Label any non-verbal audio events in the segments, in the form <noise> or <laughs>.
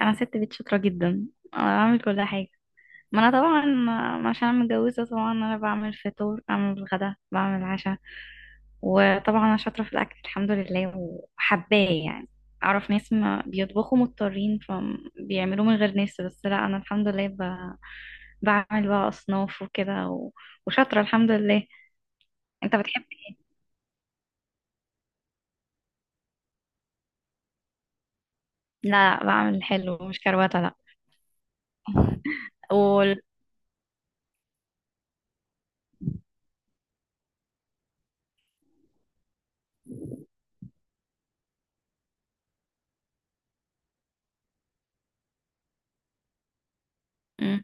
انا ست بيت شاطره جدا. انا بعمل كل حاجه. ما انا طبعا عشان انا متجوزه. طبعا انا بعمل فطور، بعمل غدا، بعمل عشاء. وطبعا انا شاطره في الاكل الحمد لله وحباه يعني. اعرف ناس ما بيطبخوا مضطرين فبيعملوه من غير ناس، بس لا انا الحمد لله بعمل بقى اصناف وكده وشاطره الحمد لله. انت بتحب إيه؟ لا بعمل حلو مش كروته، لا. وال... م.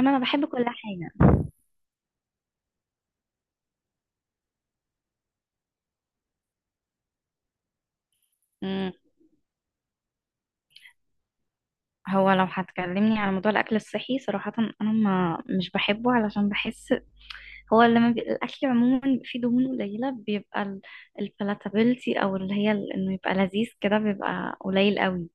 انا بحب كل حاجه. هو لو هتكلمني على موضوع الاكل الصحي صراحه، انا ما مش بحبه علشان بحس هو لما الاكل عموما بيبقى فيه دهون قليله، بيبقى البلاتابيلتي او اللي هي انه يبقى لذيذ كده بيبقى قليل قوي.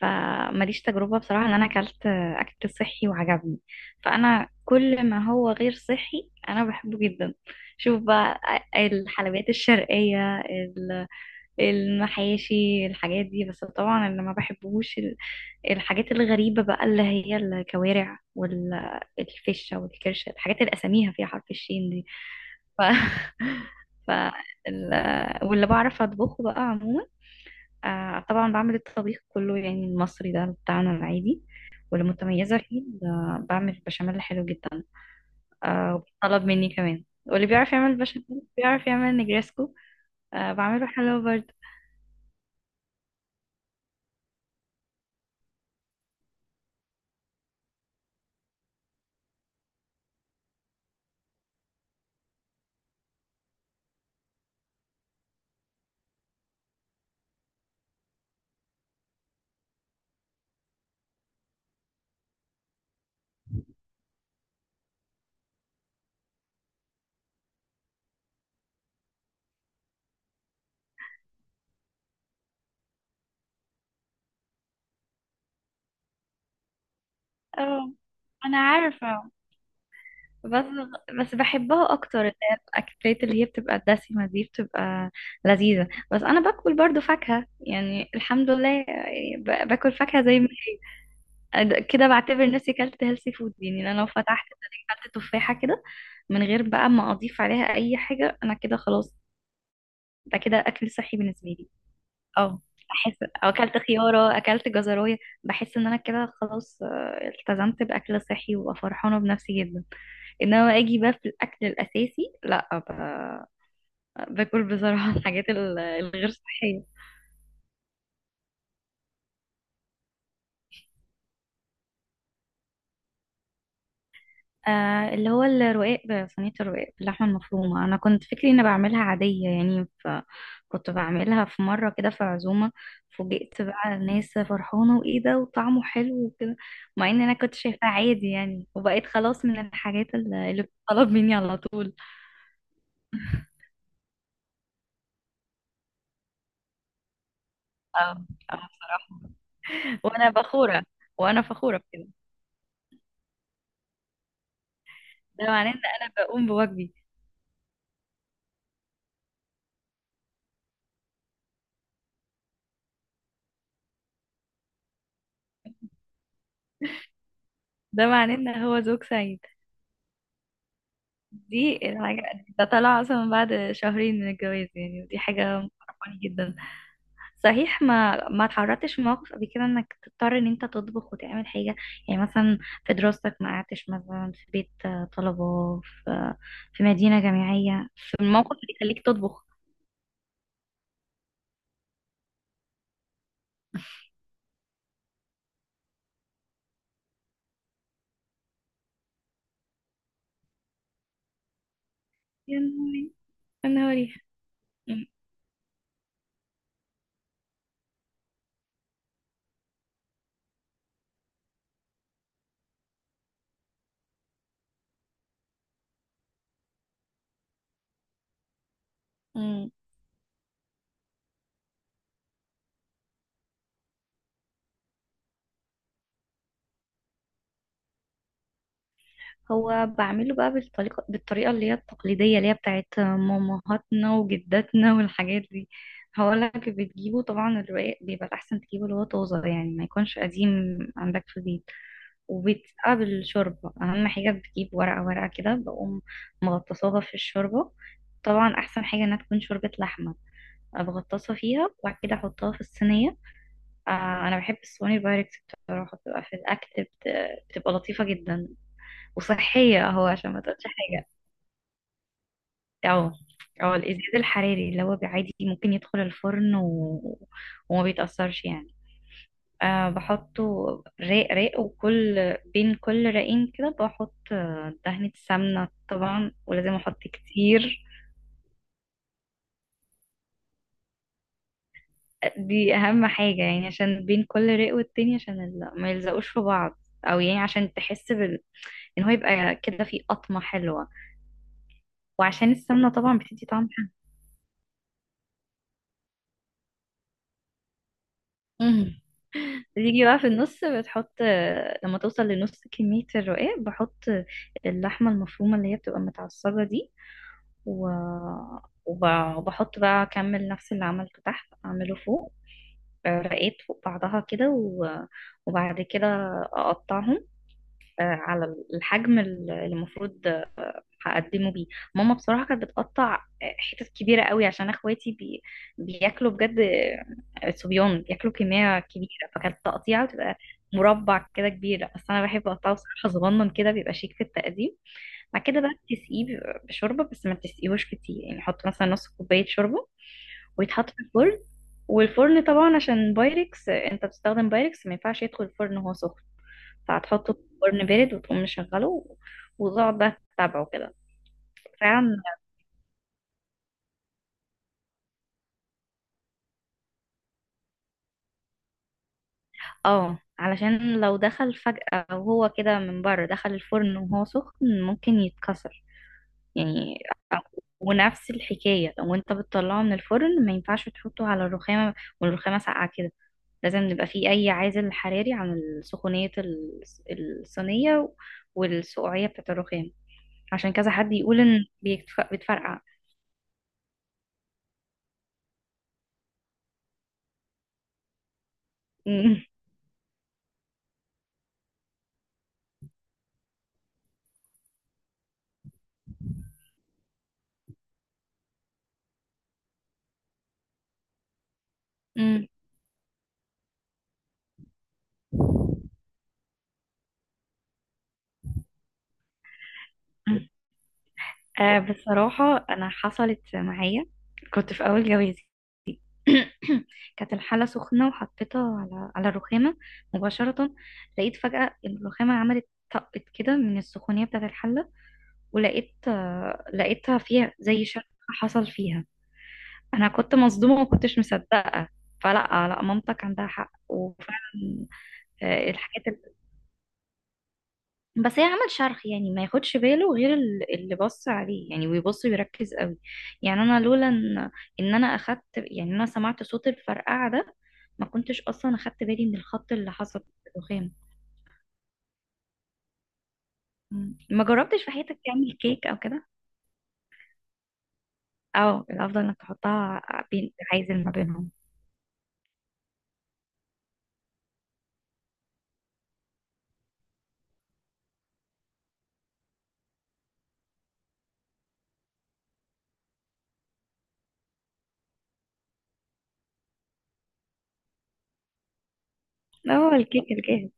فماليش تجربه بصراحه ان انا اكلت اكل صحي وعجبني. فانا كل ما هو غير صحي انا بحبه جدا. شوف بقى، الحلويات الشرقيه المحاشي، الحاجات دي. بس طبعا اللي ما بحبوش الحاجات الغريبة بقى اللي هي الكوارع والفشة والكرشة، الحاجات اللي أساميها فيها حرف الشين دي. ف... <laughs> ف... ال... واللي بعرف أطبخه بقى عموما، طبعا بعمل الطبيخ كله يعني المصري ده بتاعنا العادي. والمتميزة فيه بعمل بشاميل حلو جدا. وطلب مني كمان. واللي بيعرف يعمل بشاميل بيعرف يعمل نجريسكو. آه بعمله حلو برضه. اه، أنا عارفة. بس بس بحبها اكتر اللي هي الاكلات اللي هي بتبقى الدسمه دي. بتبقى لذيذه بس انا باكل برضو فاكهه يعني الحمد لله، يعني باكل فاكهه زي ما هي كده. بعتبر نفسي كلت هيلثي فود، يعني انا لو فتحت كلت تفاحه كده من غير بقى ما اضيف عليها اي حاجه، انا كده خلاص. ده كده اكل صحي بالنسبه لي. اه، احس او اكلت خياره، اكلت جزرايه، بحس ان انا كده خلاص التزمت باكل صحي وببقى فرحانه بنفسي جدا. انما اجي بقى في الاكل الاساسي لا باكل بصراحه <laughs> الحاجات الغير صحيه. آه اللي هو الرقاق صينيه الرقاق باللحمه المفرومه. انا كنت فكري اني بعملها عاديه يعني، فكنت بعملها في مره كده في عزومه. فوجئت بقى الناس فرحانه، وايه ده وطعمه حلو وكده، مع ان انا كنت شايفاه عادي يعني. وبقيت خلاص من الحاجات اللي بتطلب مني على طول. <laughs> اه اه، بصراحه وانا فخوره. وانا فخوره بكده. ده معناه ان انا بقوم بواجبي. ده معناه ان هو زوج سعيد. دي الحاجة. ده طلع اصلا من بعد شهرين من الجواز يعني، ودي حاجة مفرحاني جدا. صحيح ما اتعرضتش في موقف قبل كده انك تضطر ان انت تطبخ وتعمل حاجة؟ يعني مثلا في دراستك ما قعدتش مثلا في بيت طلبة، في مدينة جامعية في الموقف اللي يخليك تطبخ؟ يا نهاري، يا نهاري. مم. هو بعمله بقى بالطريقة اللي هي التقليدية اللي هي بتاعت مامهاتنا وجداتنا والحاجات دي. هقول لك، بتجيبه طبعا الرقاق بيبقى الأحسن تجيبه اللي هو طازة يعني، ما يكونش قديم عندك في البيت. وبتسقى بالشوربة. أهم حاجة بتجيب ورقة ورقة كده، بقوم مغطساها في الشوربة. طبعا أحسن حاجة إنها تكون شوربة لحمة. بغطسها فيها وبعد كده أحطها في الصينية. آه أنا بحب الصواني البايركس بصراحة، بتبقى في الأكل بتبقى لطيفة جدا وصحية اهو عشان ما تقولش حاجة. اه. اه الإزاز الحراري اللي هو عادي ممكن يدخل الفرن وما بيتأثرش يعني. بحطه راق راق، وكل بين كل رقين كده بحط دهنة سمنة طبعا، ولازم أحط كتير. دي أهم حاجة يعني، عشان بين كل راق والتاني، عشان ما يلزقوش في بعض. أو يعني عشان تحس إن هو يبقى كده فيه قطمة حلوة. وعشان السمنة طبعا بتدي طعم حلو. بيجي بقى في النص بتحط، لما توصل لنص كمية الرقاق بحط اللحمة المفرومة اللي هي بتبقى متعصجة دي. و... وبحط بقى، أكمل نفس اللي عملته تحت أعمله فوق. رقات فوق بعضها كده، وبعد كده أقطعهم على الحجم اللي المفروض هقدمه بيه. ماما بصراحة كانت بتقطع حتت كبيرة قوي عشان اخواتي بياكلوا بجد. صبيان بياكلوا كمية كبيرة، فكانت التقطيعة بتبقى مربع كده كبير. بس انا بحب اقطعه صراحة صغنن كده، بيبقى شيك في التقديم. بعد كده بقى بتسقيه بشوربة، بس ما تسقيهوش كتير يعني، حط مثلا نص كوباية شوربة. ويتحط في الفرن. والفرن طبعا عشان بايركس انت بتستخدم بايركس ما ينفعش يدخل الفرن وهو سخن، فهتحطه في فرن بارد وتقوم مشغله، وتقعد بقى تتابعه كده. فعلا. اه علشان لو دخل فجأة وهو كده من بره، دخل الفرن وهو سخن ممكن يتكسر يعني. ونفس الحكاية لو انت بتطلعه من الفرن ما ينفعش تحطه على الرخامة والرخامة ساقعة كده. لازم يبقى فيه أي عازل حراري عن سخونية الصينية والسقوعية بتاعة الرخام. عشان كذا حد يقول إن بتفرقع. <laughs> آه بصراحة أنا حصلت معايا، كنت في أول جوازي. <clears throat> كانت الحلة سخنة وحطيتها على الرخامة مباشرة، لقيت فجأة الرخامة عملت، طقت كده من السخونية بتاعة الحلة. ولقيت لقيتها فيها زي شرخ حصل فيها. أنا كنت مصدومة وما كنتش مصدقة. فلا لا، مامتك عندها حق وفعلا. الحاجات، بس هي عمل شرح يعني ما ياخدش باله غير اللي بص عليه يعني، ويبص ويركز قوي. يعني انا لولا ان انا اخدت، يعني انا سمعت صوت الفرقعه ده، ما كنتش اصلا اخدت بالي من الخط اللي حصل في الرخام. مم. ما جربتش في حياتك تعمل كيك او كده؟ او الافضل انك تحطها بين عايزل ما بينهم. اه، الكيك الجاهز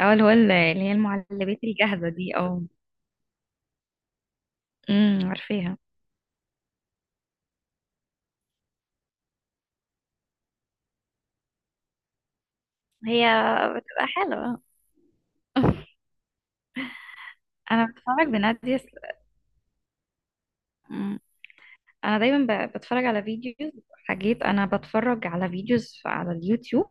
او اللي هو اللي هي المعلبات الجاهزه دي او عارفاها. هي بتبقى حلوه. <laughs> انا بتفرج بنادية. انا دايما بتفرج على فيديوز، حاجات انا بتفرج على فيديوز على اليوتيوب.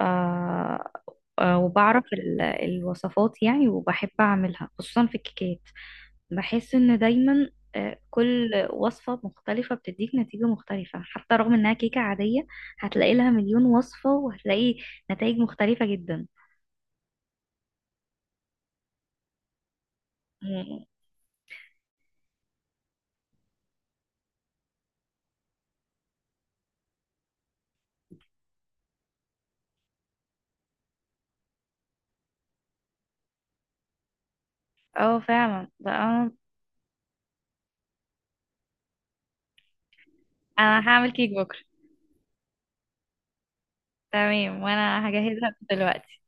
آه وبعرف الوصفات يعني، وبحب اعملها خصوصا في الكيكات. بحس ان دايما كل وصفة مختلفة بتديك نتيجة مختلفة، حتى رغم انها كيكة عادية هتلاقي لها مليون وصفة وهتلاقي نتائج مختلفة جدا. مم. اه فعلا ده انا. أنا هعمل كيك بكرة. تمام وانا هجهزها دلوقتي.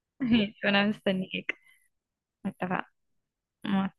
<laughs> ماشي وانا مستنيك. اتفقنا. مع السلامة.